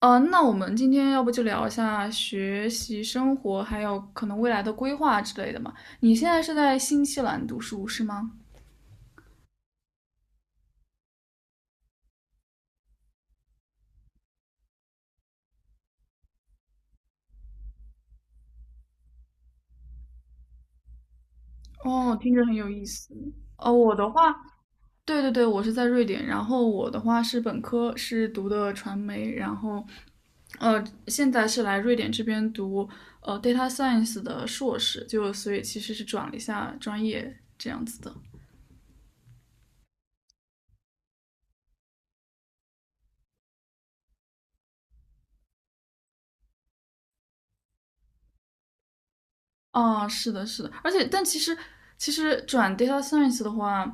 那我们今天要不就聊一下学习生活，还有可能未来的规划之类的嘛？你现在是在新西兰读书是吗？哦，听着很有意思。哦，我的话，对对对，我是在瑞典，然后我的话是本科是读的传媒，然后现在是来瑞典这边读data science 的硕士，就所以其实是转了一下专业这样子的。啊，是的，是的，而且但其实其实转 data science 的话，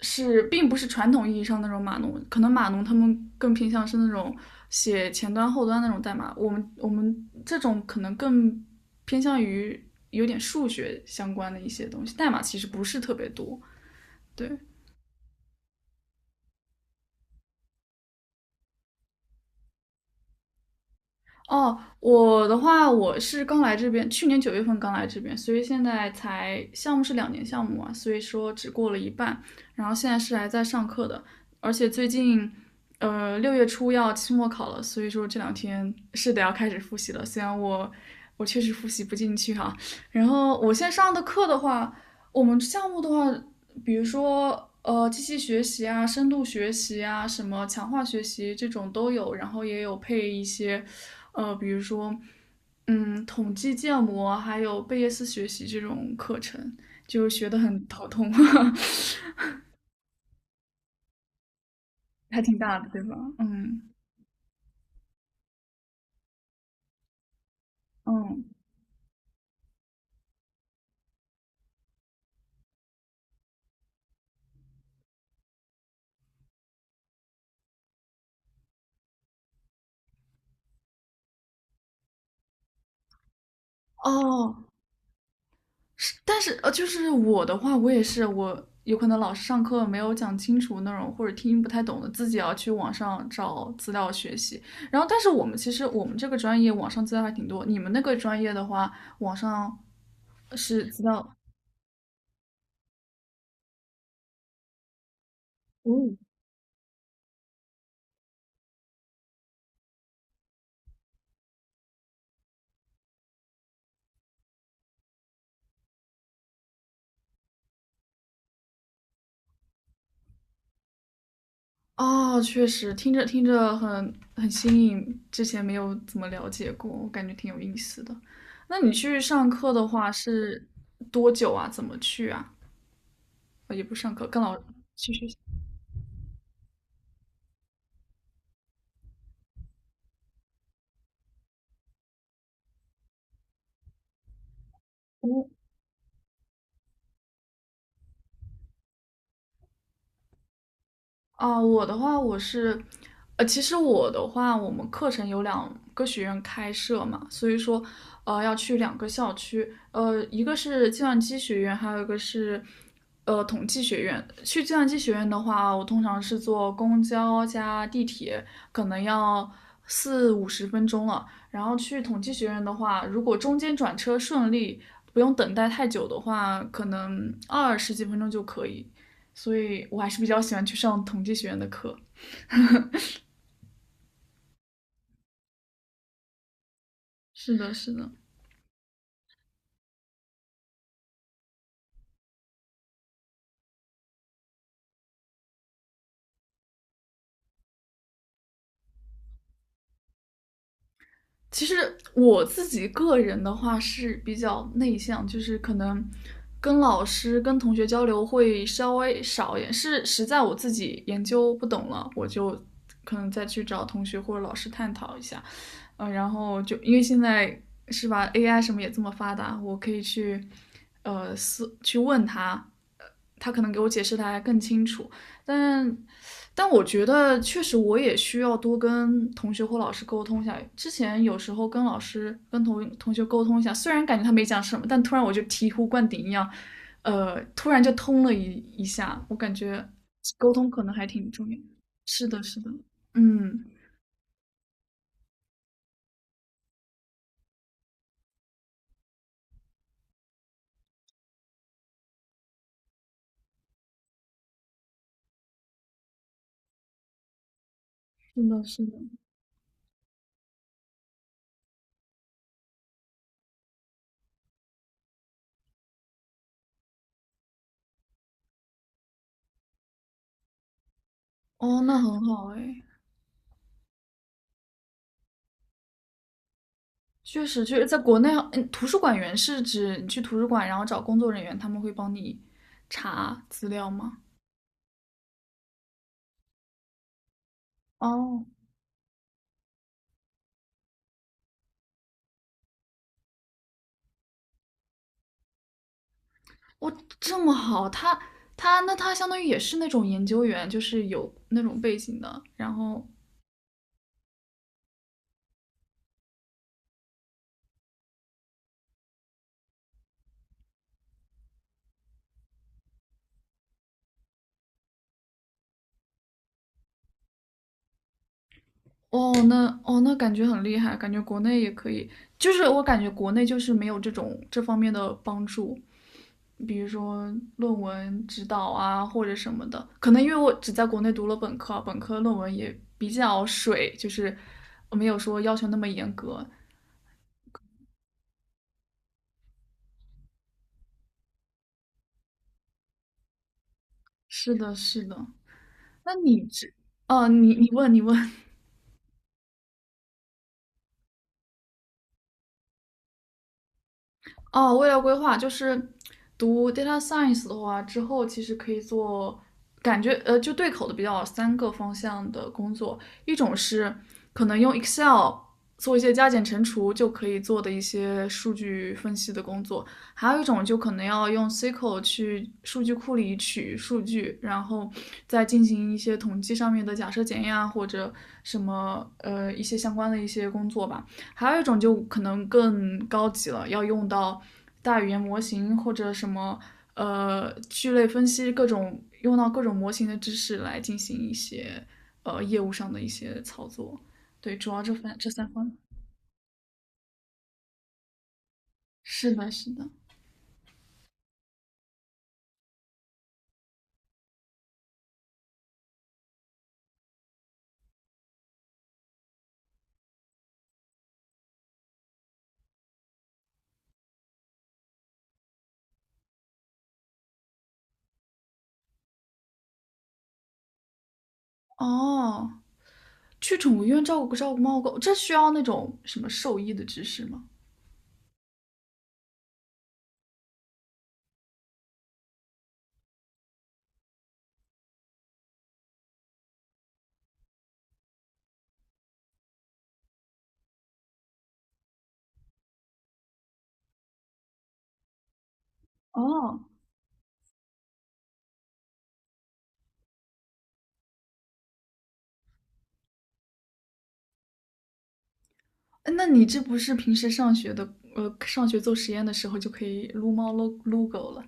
是并不是传统意义上那种码农，可能码农他们更偏向是那种写前端后端那种代码，我们这种可能更偏向于有点数学相关的一些东西，代码其实不是特别多。对，哦，我的话，我是刚来这边，去年九月份刚来这边，所以现在才项目是两年项目啊，所以说只过了一半，然后现在是还在上课的，而且最近，六月初要期末考了，所以说这两天是得要开始复习了，虽然我确实复习不进去哈，然后我现在上的课的话，我们项目的话，比如说机器学习啊、深度学习啊、什么强化学习这种都有，然后也有配一些比如说嗯统计建模，还有贝叶斯学习这种课程，就学得很头痛，还挺大的，对吧？嗯嗯哦。但是就是我的话，我也是，我有可能老师上课没有讲清楚那种，或者听不太懂的，自己要去网上找资料学习。然后，但是我们这个专业网上资料还挺多，你们那个专业的话，网上是资料。嗯，哦，确实，听着听着很新颖，之前没有怎么了解过，我感觉挺有意思的。那你去上课的话是多久啊？怎么去啊？呃也不上课，跟老去学习。啊，我的话，我是，其实我的话，我们课程有两个学院开设嘛，所以说，要去两个校区，一个是计算机学院，还有一个是，统计学院。去计算机学院的话，我通常是坐公交加地铁，可能要四五十分钟了。然后去统计学院的话，如果中间转车顺利，不用等待太久的话，可能二十几分钟就可以。所以我还是比较喜欢去上统计学院的课。是的，是的。其实我自己个人的话是比较内向，就是可能跟老师、跟同学交流会稍微少一点，是实在我自己研究不懂了，我就可能再去找同学或者老师探讨一下。然后就因为现在是吧，AI 什么也这么发达，我可以去去问他，呃，他可能给我解释的还更清楚。但但我觉得确实我也需要多跟同学或老师沟通一下。之前有时候跟老师、跟同学沟通一下，虽然感觉他没讲什么，但突然我就醍醐灌顶一样，突然就通了一下。我感觉沟通可能还挺重要。是的，是的，嗯，是的，是的。哦，那很好哎，确实，就是在国内，嗯，图书馆员是指你去图书馆，然后找工作人员，他们会帮你查资料吗？哦，哇，这么好，他那他相当于也是那种研究员，就是有那种背景的。然后哦，那感觉很厉害，感觉国内也可以，就是我感觉国内就是没有这种这方面的帮助，比如说论文指导啊或者什么的。可能因为我只在国内读了本科，本科论文也比较水，就是没有说要求那么严格。是的，是的。那你这，哦，你问，哦，未来规划就是读 data science 的话，之后其实可以做，感觉就对口的比较三个方向的工作，一种是可能用 Excel 做一些加减乘除就可以做的一些数据分析的工作，还有一种就可能要用 SQL 去数据库里取数据，然后再进行一些统计上面的假设检验啊，或者一些相关的一些工作吧。还有一种就可能更高级了，要用到大语言模型或者什么聚类分析各种用到各种模型的知识来进行一些业务上的一些操作。对，主要这三方。是的，是的。哦，去宠物医院照顾照顾猫狗，这需要那种什么兽医的知识吗？哦，那你这不是平时上学的上学做实验的时候就可以撸猫撸撸狗了？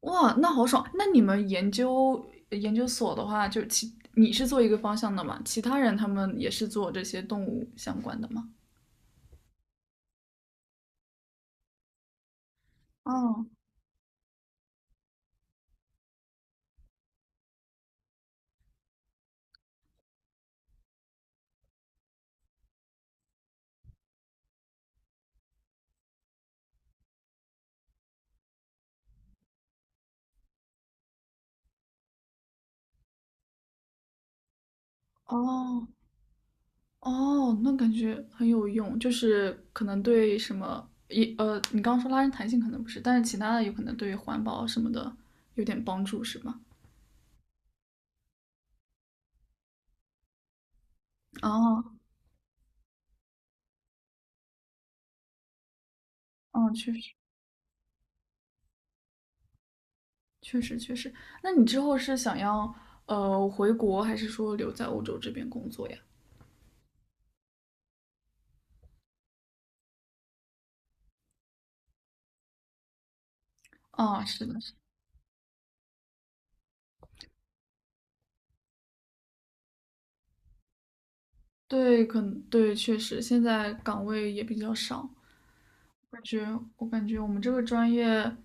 哇，那好爽！那你们研究所的话，就其你是做一个方向的嘛？其他人他们也是做这些动物相关的吗？哦哦哦，那感觉很有用，就是可能对什么也你刚刚说拉伸弹性可能不是，但是其他的有可能对环保什么的有点帮助，是吗？哦哦，确实确实。那你之后是想要回国，还是说留在欧洲这边工作呀？啊、是的。是。对，可能对，确实现在岗位也比较少。感觉我感觉我们这个专业，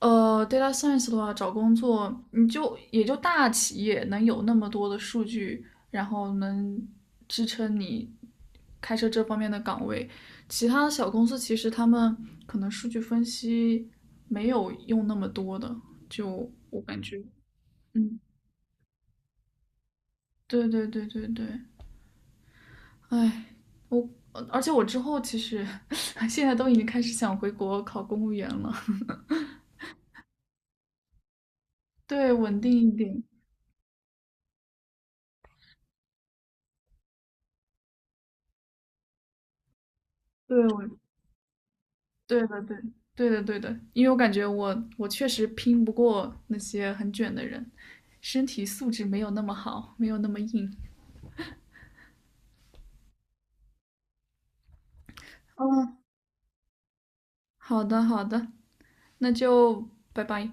data science 的话，找工作你就也就大企业能有那么多的数据，然后能支撑你开设这方面的岗位。其他的小公司其实他们可能数据分析没有用那么多的，就我感觉，嗯，对对对对对。哎，我而且我之后其实 现在都已经开始想回国考公务员了，对，稳定一点，对，我，对的，对，对的，对的，因为我感觉我确实拼不过那些很卷的人，身体素质没有那么好，没有那么硬。嗯，好的，好的，那就拜拜。